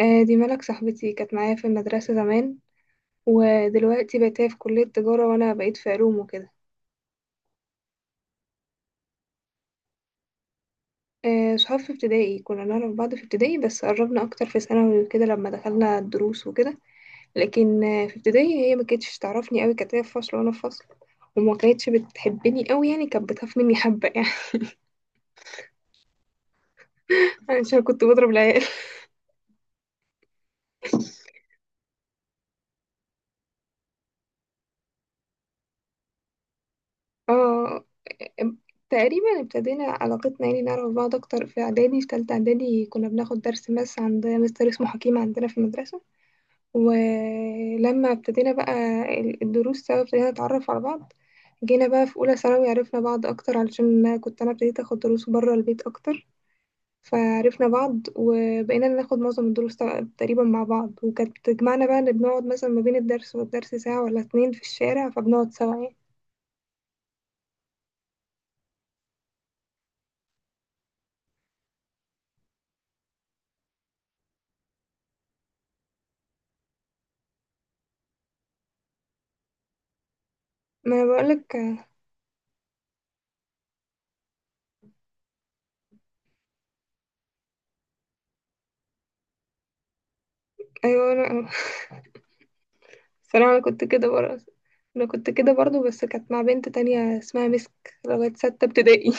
دي ملك صاحبتي كانت معايا في المدرسة زمان. ودلوقتي بقت هي في كلية تجارة وأنا بقيت في علوم وكده. صحاب في ابتدائي، كنا نعرف بعض في ابتدائي بس قربنا أكتر في ثانوي وكده لما دخلنا الدروس وكده. لكن في ابتدائي هي ما كانتش تعرفني أوي، كانت هي في فصل وأنا في فصل، وما كانتش بتحبني أوي يعني، كانت بتخاف مني حبة يعني. عشان كنت بضرب العيال. اه، تقريبا ابتدينا علاقتنا يعني نعرف بعض اكتر في اعدادي، في تالتة اعدادي كنا بناخد درس ماس عند مستر اسمه حكيم عندنا في المدرسة. ولما ابتدينا بقى الدروس سوا ابتدينا نتعرف على بعض. جينا بقى في اولى ثانوي عرفنا بعض اكتر علشان كنت انا ابتديت اخد دروس بره البيت اكتر. فعرفنا بعض وبقينا ناخد معظم الدروس تقريبا مع بعض، وكانت بتجمعنا بقى ان بنقعد مثلا ما بين الدرس والدرس ساعة ولا اتنين في الشارع فبنقعد سوا يعني. ما انا بقولك. ايوه انا. الصراحة أنا كنت كده برضه. أنا كنت كده برضه بس كانت مع بنت تانية اسمها مسك لغاية ستة ابتدائي.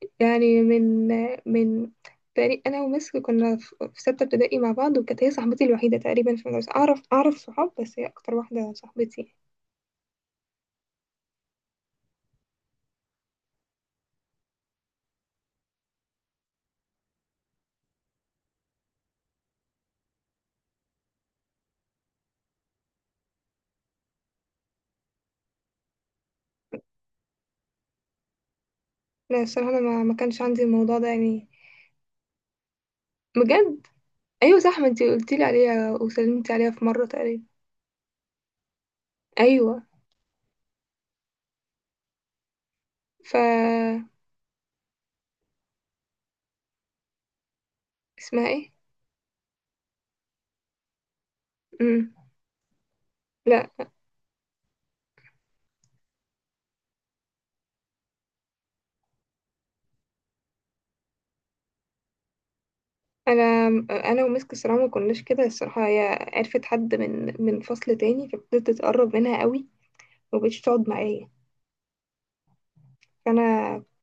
يعني من، من تقريبا أنا ومسك كنا في ستة ابتدائي مع بعض، وكانت هي صاحبتي الوحيدة تقريبا في المدرسة، أعرف صحاب بس هي أكتر واحدة صاحبتي. لا الصراحة أنا ما, ما كانش عندي الموضوع ده يعني. بجد. أيوة صح، ما انتي قلتيلي عليها وسلمتي عليها في مرة تقريبا. أيوة. ف. اسمها ايه؟ مم. لا، انا ومسك الصراحه ما كناش كده، الصراحه هي عرفت حد من، من فصل تاني فابتدت تتقرب منها قوي ومبقتش تقعد معايا. فانا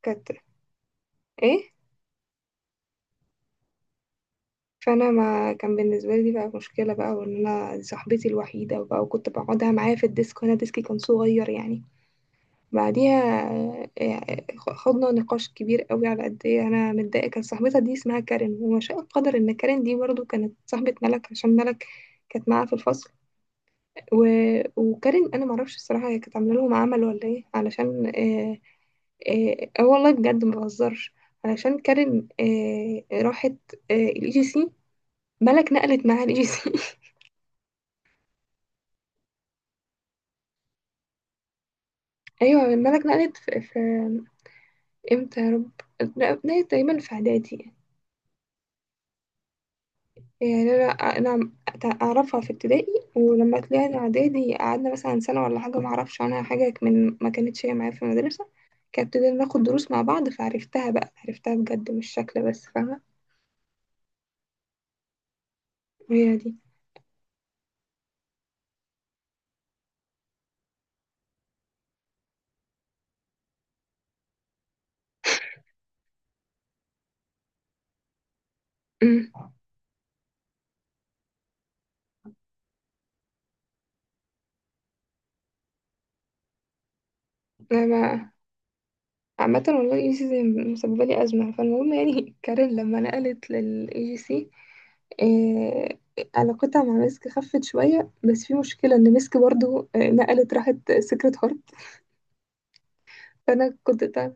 كانت. ايه. فانا ما كان بالنسبه لي دي بقى مشكله بقى وان انا دي صاحبتي الوحيده بقى، وكنت بقعدها معايا في الديسك وانا ديسكي كان صغير يعني. بعديها خضنا نقاش كبير قوي على قد ايه انا متضايقه، كان صاحبتها دي اسمها كارين، وما شاء القدر ان كارين دي برضو كانت صاحبه ملك عشان ملك كانت معاها في الفصل. و... وكارين انا معرفش الصراحه، هي كانت عامله لهم عمل ولا ايه علشان اه. اه. والله بجد ما بهزرش. علشان كارين راحت اه الاي جي سي. ملك نقلت معاها الاي جي سي. ايوه ملك نقلت في امتى يا رب؟ لا، نقلت تقريبا في اعدادي. يعني انا اعرفها في ابتدائي، ولما طلعنا اعدادي قعدنا مثلا سنه ولا حاجه ما اعرفش عنها حاجه من ما كانتش هي معايا في المدرسه. كانت ابتدينا ناخد دروس مع بعض فعرفتها بقى، عرفتها بجد مش شكل بس فاهمة. هي دي. أمم. انا عامة والله اي جي سي مسببة لي أزمة فالمهم يعني. كارين لما نقلت للاي جي سي علاقتها مع مسك خفت شوية، بس في مشكلة ان مسك برضو نقلت راحت سكرة هارت. فانا كنت طالعة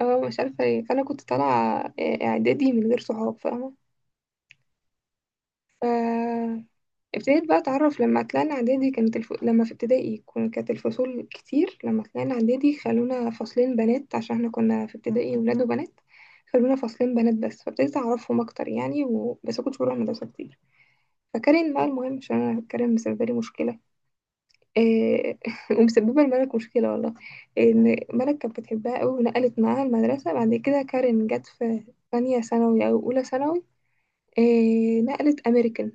اه مش عارفة ايه. فانا كنت طالعة اعدادي من غير صحاب فاهمة. ابتديت بقى اتعرف لما طلعنا اعدادي كانت لما في ابتدائي كانت الفصول كتير، لما طلعنا اعدادي خلونا فصلين بنات عشان احنا كنا في ابتدائي ولاد وبنات، خلونا فصلين بنات بس، فابتديت اعرفهم اكتر يعني بس كنت بروح المدرسه كتير. فكارين بقى المهم عشان انا كارين مسببه لي مشكله. إيه... ومسببه لملك مشكله والله ان ملك كانت بتحبها قوي ونقلت معاها المدرسه، بعد كده كارين جت في ثانيه ثانوي او اولى ثانوي. نقلت امريكان.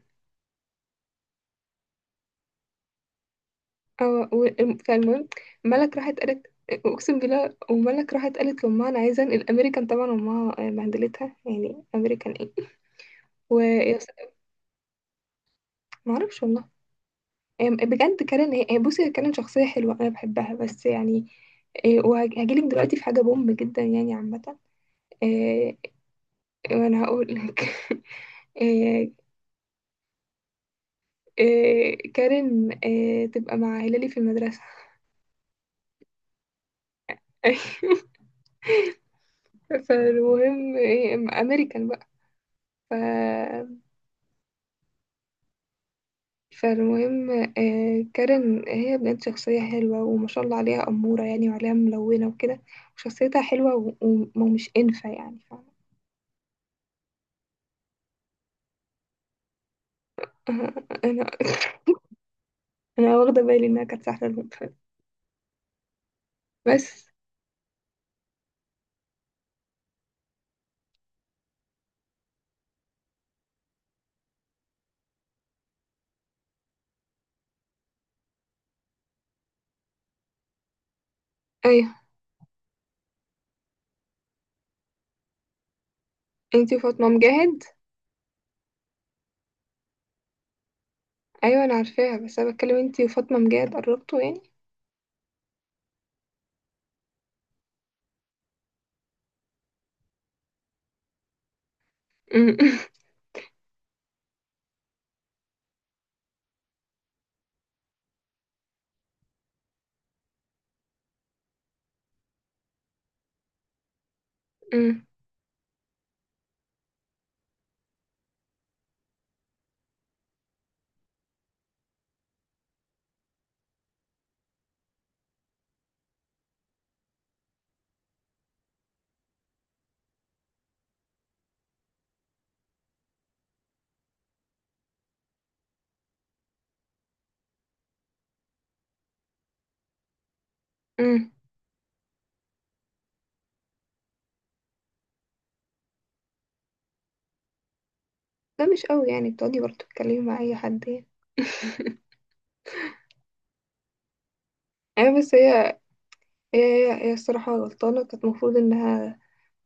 اه فالمهم ملك راحت قالت اقسم بالله، وملك راحت قالت لامها انا عايزه انقل امريكان، طبعا امها بهدلتها يعني امريكان ايه ويا س- ما اعرفش والله. هي بجد كارين، هي بصي، هي كارين شخصيه حلوه انا بحبها بس يعني وهجيلك دلوقتي في حاجه بوم جدا يعني عامه. إيه، وانا هقول لك. إيه، كارين تبقى مع هلالي في المدرسه. فالمهم امريكان بقى. ف. فالمهم كارين هي بنت شخصية حلوة وما شاء الله عليها أمورة يعني وعليها ملونة وكده، وشخصيتها حلوة ومش إنفة يعني فاهمة. أنا أنا واخدة بالي إنها كانت سهلة الوقت بس. أيوه أنتي وفاطمة مجاهد. أيوه أنا عارفاها، بس أنا بتكلم أنتي وفاطمة مجاهد قربتوا يعني. أمم. أمم. أمم. ده مش قوي يعني بتقعدي برضه تتكلمي مع أي حد يعني. أيوه بس هي هي الصراحة غلطانة، كانت المفروض إنها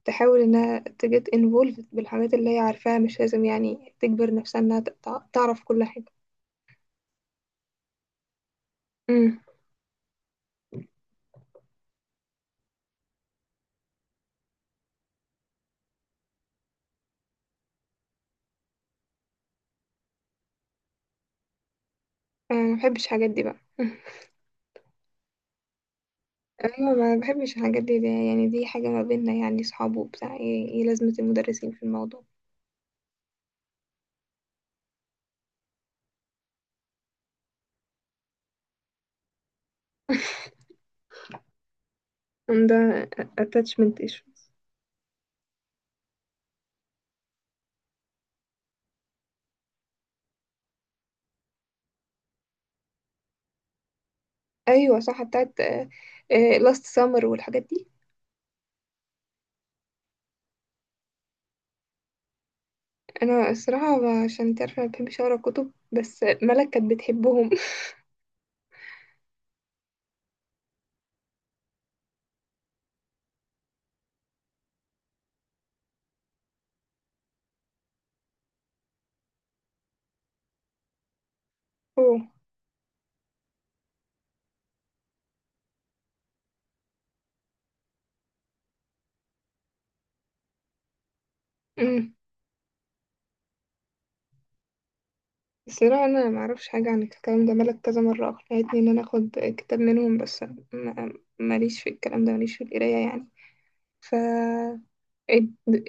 تحاول إنها ت get involved بالحاجات اللي هي عارفاها، مش لازم يعني تجبر نفسها إنها تعرف كل حاجة. امم. أنا مبحبش الحاجات دي بقى. أيوة ما بحبش الحاجات دي يعني، دي حاجة ما بيننا يعني صحاب وبتاع، إيه إيه لازمة المدرسين في الموضوع؟ ده attachment issues. أيوة صح، بتاعت last summer والحاجات دي. أنا الصراحة عشان تعرف أنا مبحبش أقرا كتب، بس ملك كانت بتحبهم. أوه. أمم. الصراحة أنا معرفش حاجة عن الكلام ده، ملك كذا مرة أقنعتني إن أنا أخد كتاب منهم بس ما- ماليش في الكلام ده، ماليش في القراية يعني. ف.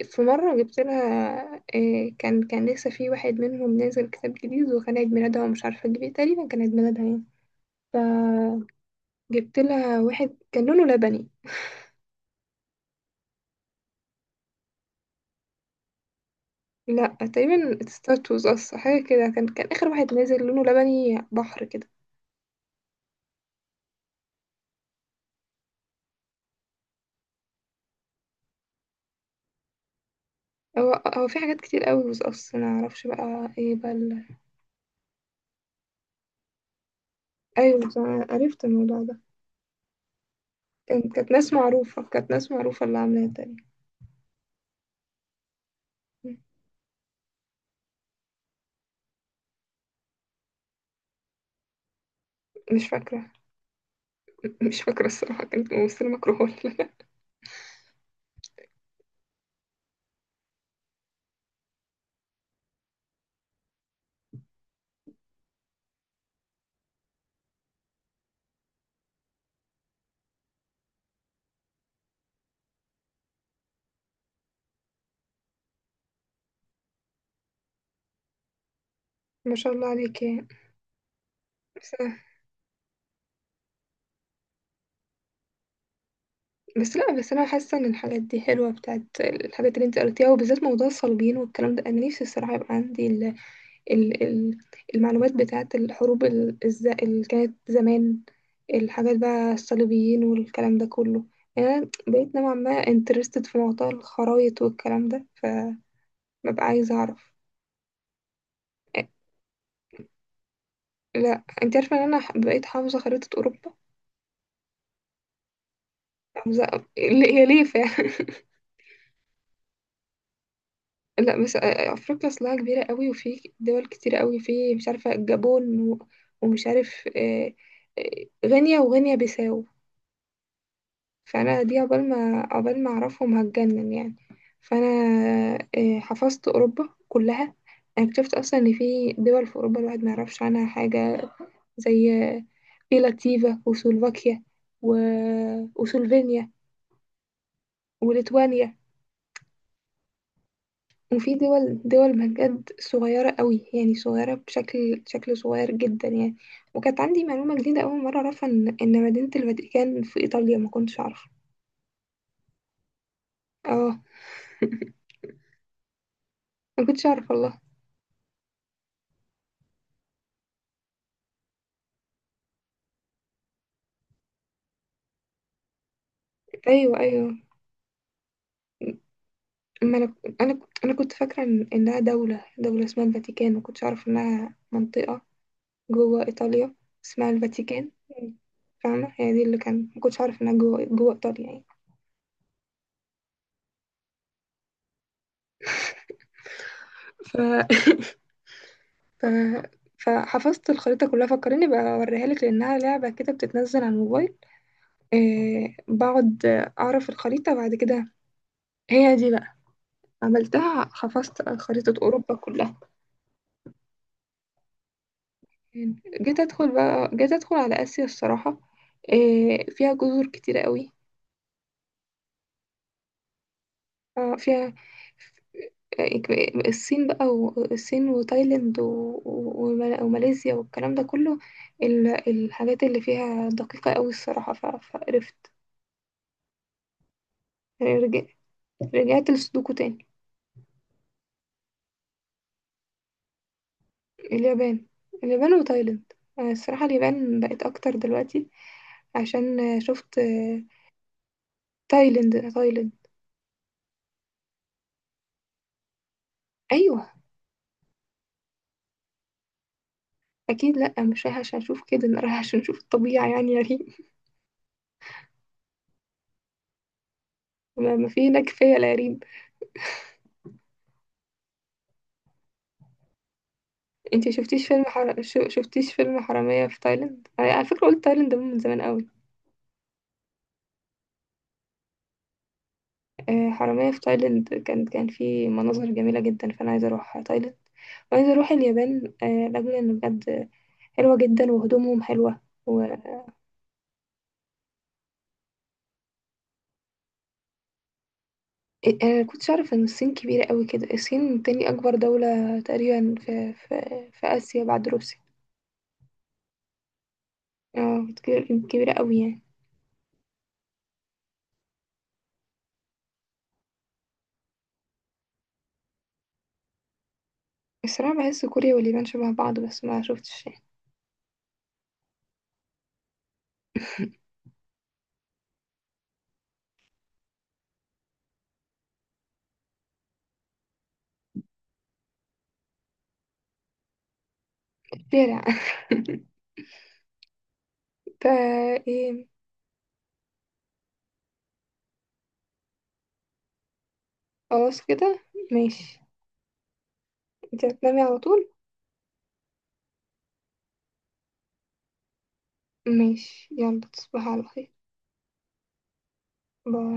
في مرة جبت لها كان لسه في واحد منهم نازل كتاب جديد وكان عيد ميلادها ومش عارفة أجيب إيه، تقريبا كان عيد ميلادها يعني، فجبت لها واحد كان لونه لبني. لا، تقريبا ستاتوز أصلا حاجة كده، كان آخر واحد نازل لونه لبني بحر كده. هو في حاجات كتير قوي بس أصلا أنا معرفش بقى ايه بقى. ايوه صح، عرفت الموضوع ده. كانت ناس معروفة، كانت ناس معروفة اللي عاملاها تاني. مش فاكرة مش فاكرة الصراحة كانت ممثلة مكروهة ولا لا. ما شاء الله عليك يعني. بس, بس لا بس أنا حاسة إن الحاجات دي حلوة بتاعت الحاجات اللي أنت قلتيها، وبالذات موضوع الصليبيين والكلام ده، أنا نفسي الصراحة يبقى عندي ال المعلومات بتاعت الحروب اللي كانت زمان، الحاجات بقى الصليبيين والكلام ده كله. يعني أنا بقيت نوعا ما انترستد في موضوع الخرايط والكلام ده، ببقى عايزة أعرف. لا انت عارفة ان انا بقيت حافظة خريطة اوروبا. حافظة. هي ليه فعلا. لا بس افريقيا اصلها كبيرة قوي وفي دول كتير قوي في، مش عارفة الجابون ومش عارف غينيا وغينيا بيساو، فانا دي عقبال ما اعرفهم هتجنن يعني. فانا حفظت اوروبا كلها. انا اكتشفت اصلا ان في دول في اوروبا الواحد ما يعرفش عنها حاجة، زي في لاتفيا وسلوفاكيا و... وسلوفينيا وليتوانيا، وفي دول بجد صغيرة قوي يعني، صغيرة شكل صغير جدا يعني. وكانت عندي معلومة جديدة أول مرة أعرفها إن مدينة الفاتيكان في إيطاليا ما كنتش أعرفها. اه. ما كنتش أعرف والله. أيوه أيوه. ما أنا. أنا كنت فاكرة إنها دولة اسمها الفاتيكان، ما كنتش أعرف إنها منطقة جوه إيطاليا اسمها الفاتيكان، فاهمة، هي دي اللي كان ما كنتش عارف إنها جوه إيطاليا يعني. ف... ف... فحفظت الخريطة كلها، فكرني بقى أوريها لك لأنها لعبة كده بتتنزل على الموبايل. إيه بقعد أعرف الخريطة بعد كده. هي دي بقى، عملتها، حفظت خريطة أوروبا كلها. جيت أدخل بقى، جيت أدخل على آسيا الصراحة، إيه فيها جزر كتيرة قوي. فيها الصين بقى وتايلاند وماليزيا والكلام ده كله، الحاجات اللي فيها دقيقة قوي الصراحة فقرفت يعني. رجعت لسودوكو تاني. اليابان. اليابان وتايلاند. أنا الصراحة اليابان بقت أكتر دلوقتي عشان شفت تايلاند. أيوه. أكيد لأ، مش رايحة عشان أشوف كده، أنا رايحة عشان أشوف الطبيعة يعني يا ريم، ما في هناك كفاية، لا يا ريم. انتي شفتيش فيلم شفتيش فيلم حرامية في تايلاند على فكرة، قلت تايلاند ده من زمان قوي. حرامية في تايلاند كان فيه مناظر جميلة جدا، فانا عايزة اروح تايلاند وعايزة اروح اليابان لاجل ان بجد حلوة جدا وهدومهم حلوة و... انا كنتش اعرف ان الصين كبيرة قوي كده، الصين تاني اكبر دولة تقريبا في اسيا بعد روسيا. اه كبيرة قوي يعني. الصراحة بحس كوريا واليابان شبه بعض بس ما شفتش يعني. شارع. ف. إيه، خلاص كده. ماشي. انت هتنامي على طول؟ ماشي، يلا تصبحي على خير. باي.